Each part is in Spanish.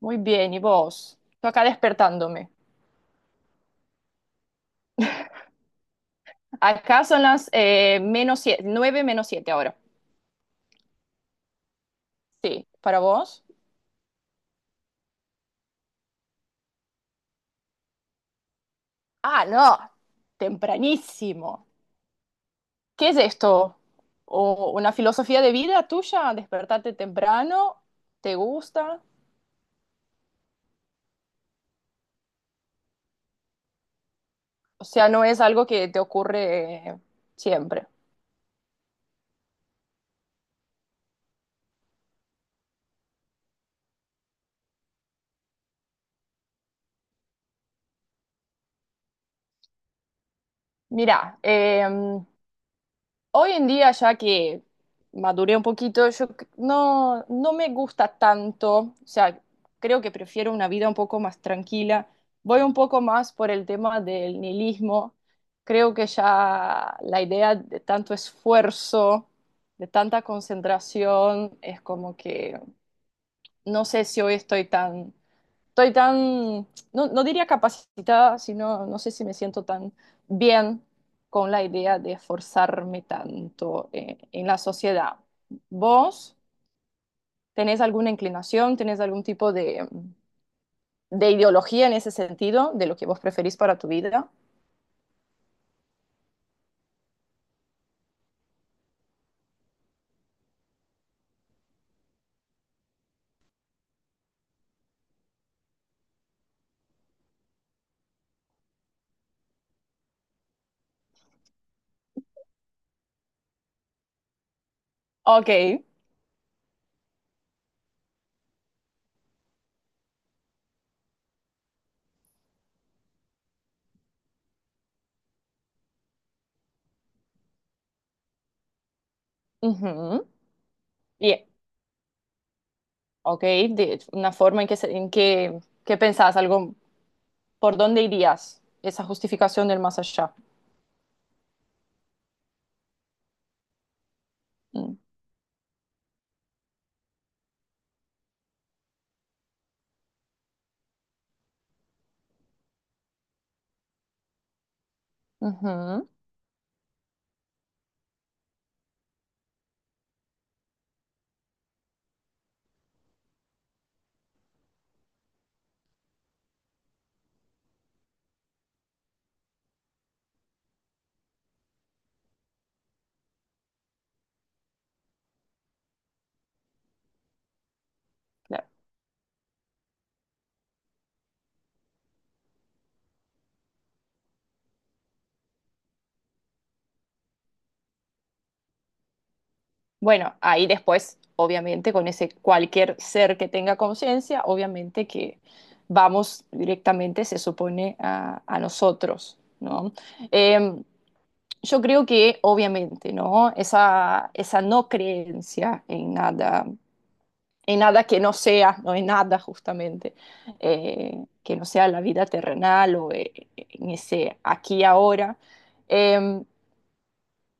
Muy bien, ¿y vos? Estoy acá despertándome. Acá son las menos siete, 9 menos 7 ahora. Sí, ¿para vos? Ah, no, tempranísimo. ¿Qué es esto? ¿O una filosofía de vida tuya? ¿Despertarte temprano? ¿Te gusta? O sea, no es algo que te ocurre siempre. Mira, hoy en día, ya que maduré un poquito, no, me gusta tanto, o sea, creo que prefiero una vida un poco más tranquila. Voy un poco más por el tema del nihilismo. Creo que ya la idea de tanto esfuerzo, de tanta concentración, es como que no sé si hoy estoy tan, no, no diría capacitada, sino no sé si me siento tan bien con la idea de esforzarme tanto en la sociedad. ¿Vos tenés alguna inclinación, tenés algún tipo de ideología en ese sentido, de lo que vos preferís para tu vida? Ok, ujú, bien, ok, de una forma en en que, ¿qué pensás? Algo, ¿por dónde irías? Esa justificación del más allá. Mm, ujú, claro. Bueno, ahí después, obviamente, con ese cualquier ser que tenga conciencia, obviamente que vamos directamente, se supone, a nosotros, ¿no? Eh, yo creo que, obviamente, ¿no? Esa no creencia en nada que no sea, no en nada justamente, que no sea la vida terrenal o en ese aquí y ahora, eh,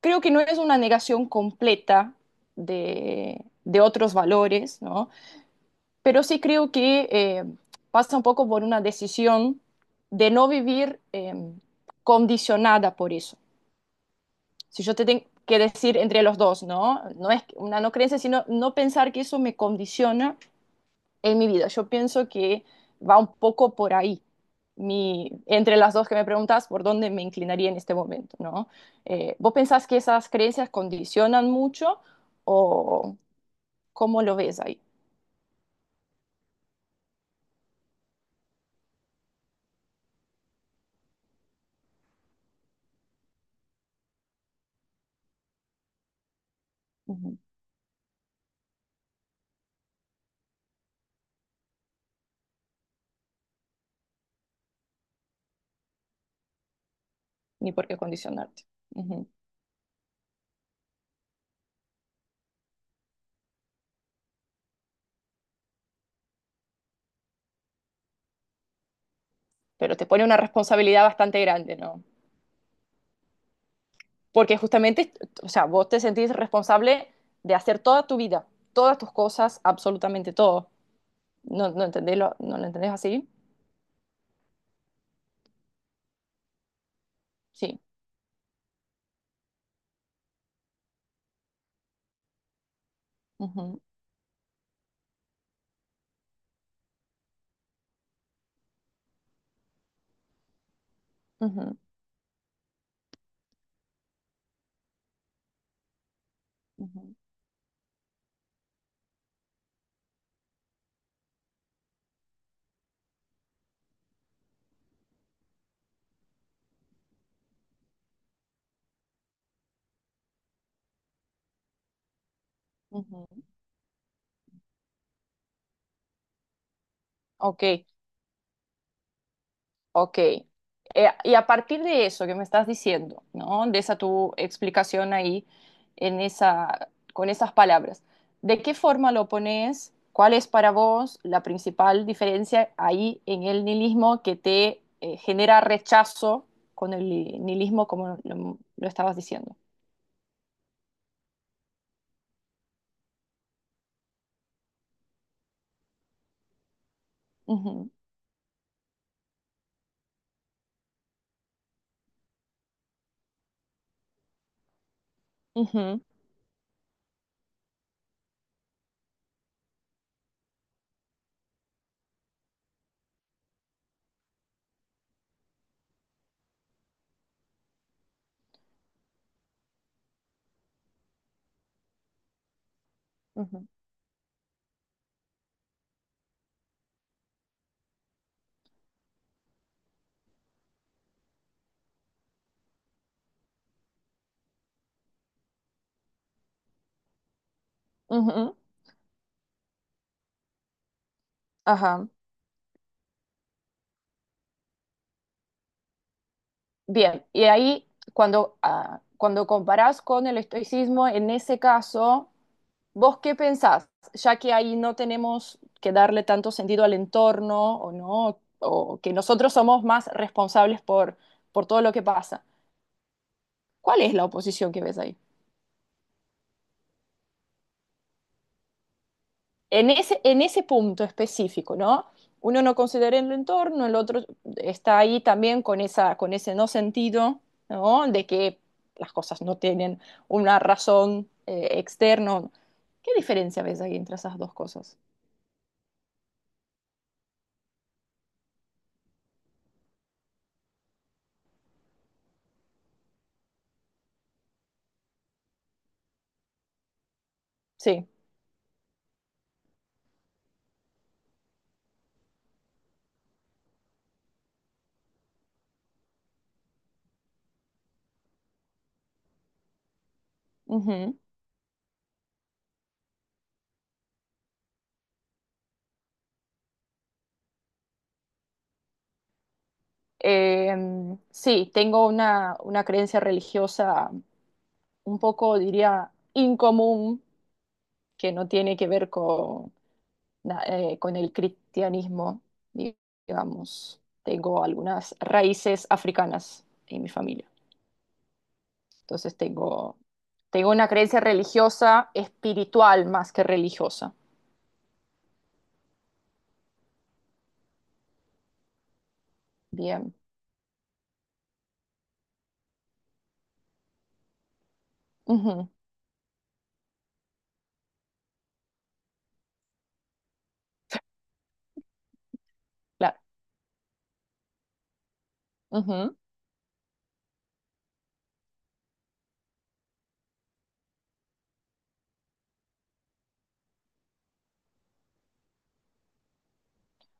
creo que no es una negación completa de otros valores, ¿no? Pero sí creo que pasa un poco por una decisión de no vivir condicionada por eso. Si yo te tengo que decir entre los dos, ¿no? No es una no creencia, sino no pensar que eso me condiciona en mi vida. Yo pienso que va un poco por ahí. Mi, entre las dos que me preguntas, por dónde me inclinaría en este momento, ¿no? ¿Vos pensás que esas creencias condicionan mucho o cómo lo ves ahí? Ujú. Ni por qué condicionarte. Ujú. Pero te pone una responsabilidad bastante grande, ¿no? Porque justamente, o sea, vos te sentís responsable de hacer toda tu vida, todas tus cosas, absolutamente todo. ¿No, no entendés lo, no lo entendés así? Sí. Ujú, ujú, ujú. Ujú. Ok, ok. Y a partir de eso que me estás diciendo, ¿no? De esa tu explicación ahí, en esa, con esas palabras, ¿de qué forma lo pones? ¿Cuál es para vos la principal diferencia ahí en el nihilismo que te genera rechazo con el nihilismo como lo estabas diciendo? Ujú, ujú, ujú, ujú. Ajá. Bien, y ahí cuando comparás con el estoicismo, en ese caso, ¿vos qué pensás? Ya que ahí no tenemos que darle tanto sentido al entorno o no, o que nosotros somos más responsables por todo lo que pasa. ¿Cuál es la oposición que ves ahí? En ese punto específico, ¿no? Uno no considera el entorno, el otro está ahí también con ese no sentido, ¿no? De que las cosas no tienen una razón externa. ¿Qué diferencia ves ahí entre esas dos cosas? Sí. Ujú. Eh, sí, tengo una creencia religiosa un poco, diría, incomún que no tiene que ver con, con el cristianismo, di- digamos. Tengo algunas raíces africanas en mi familia. Entonces tengo una creencia religiosa, espiritual más que religiosa. Bien. Ujú, claro. Ujú.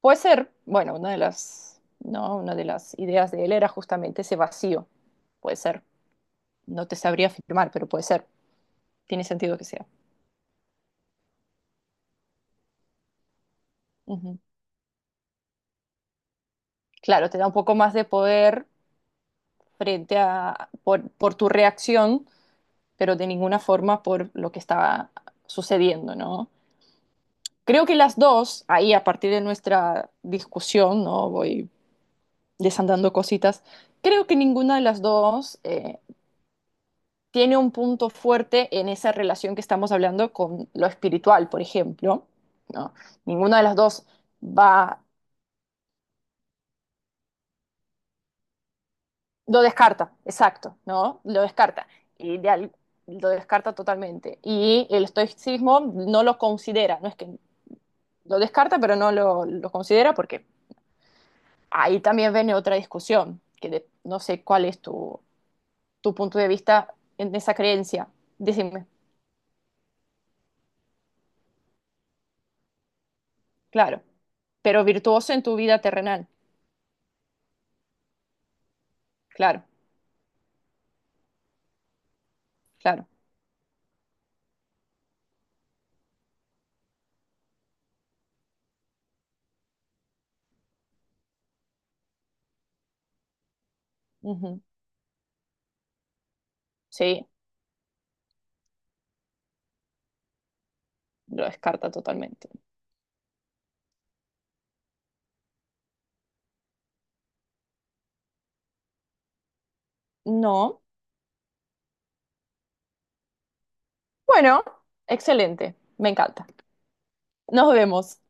Puede ser, bueno, una de las, no, una de las ideas de él era justamente ese vacío. Puede ser. No te sabría afirmar, pero puede ser. Tiene sentido que sea. Ujú. Claro, te da un poco más de poder frente a, por tu reacción, pero de ninguna forma por lo que estaba sucediendo, ¿no? Creo que las dos, ahí a partir de nuestra discusión, ¿no? Voy desandando cositas, creo que ninguna de las dos tiene un punto fuerte en esa relación que estamos hablando con lo espiritual, por ejemplo, ¿no? Ninguna de las dos va. Lo descarta, exacto, ¿no? Lo descarta. Y lo descarta totalmente. Y el estoicismo no lo considera, no es que lo descarta, pero no lo considera porque ahí también viene otra discusión, no sé cuál es tu, tu punto de vista en esa creencia. Decime, claro, pero virtuoso en tu vida terrenal, claro, claro. Ujú. Sí, lo descarta totalmente. No, bueno, excelente, me encanta. Nos vemos.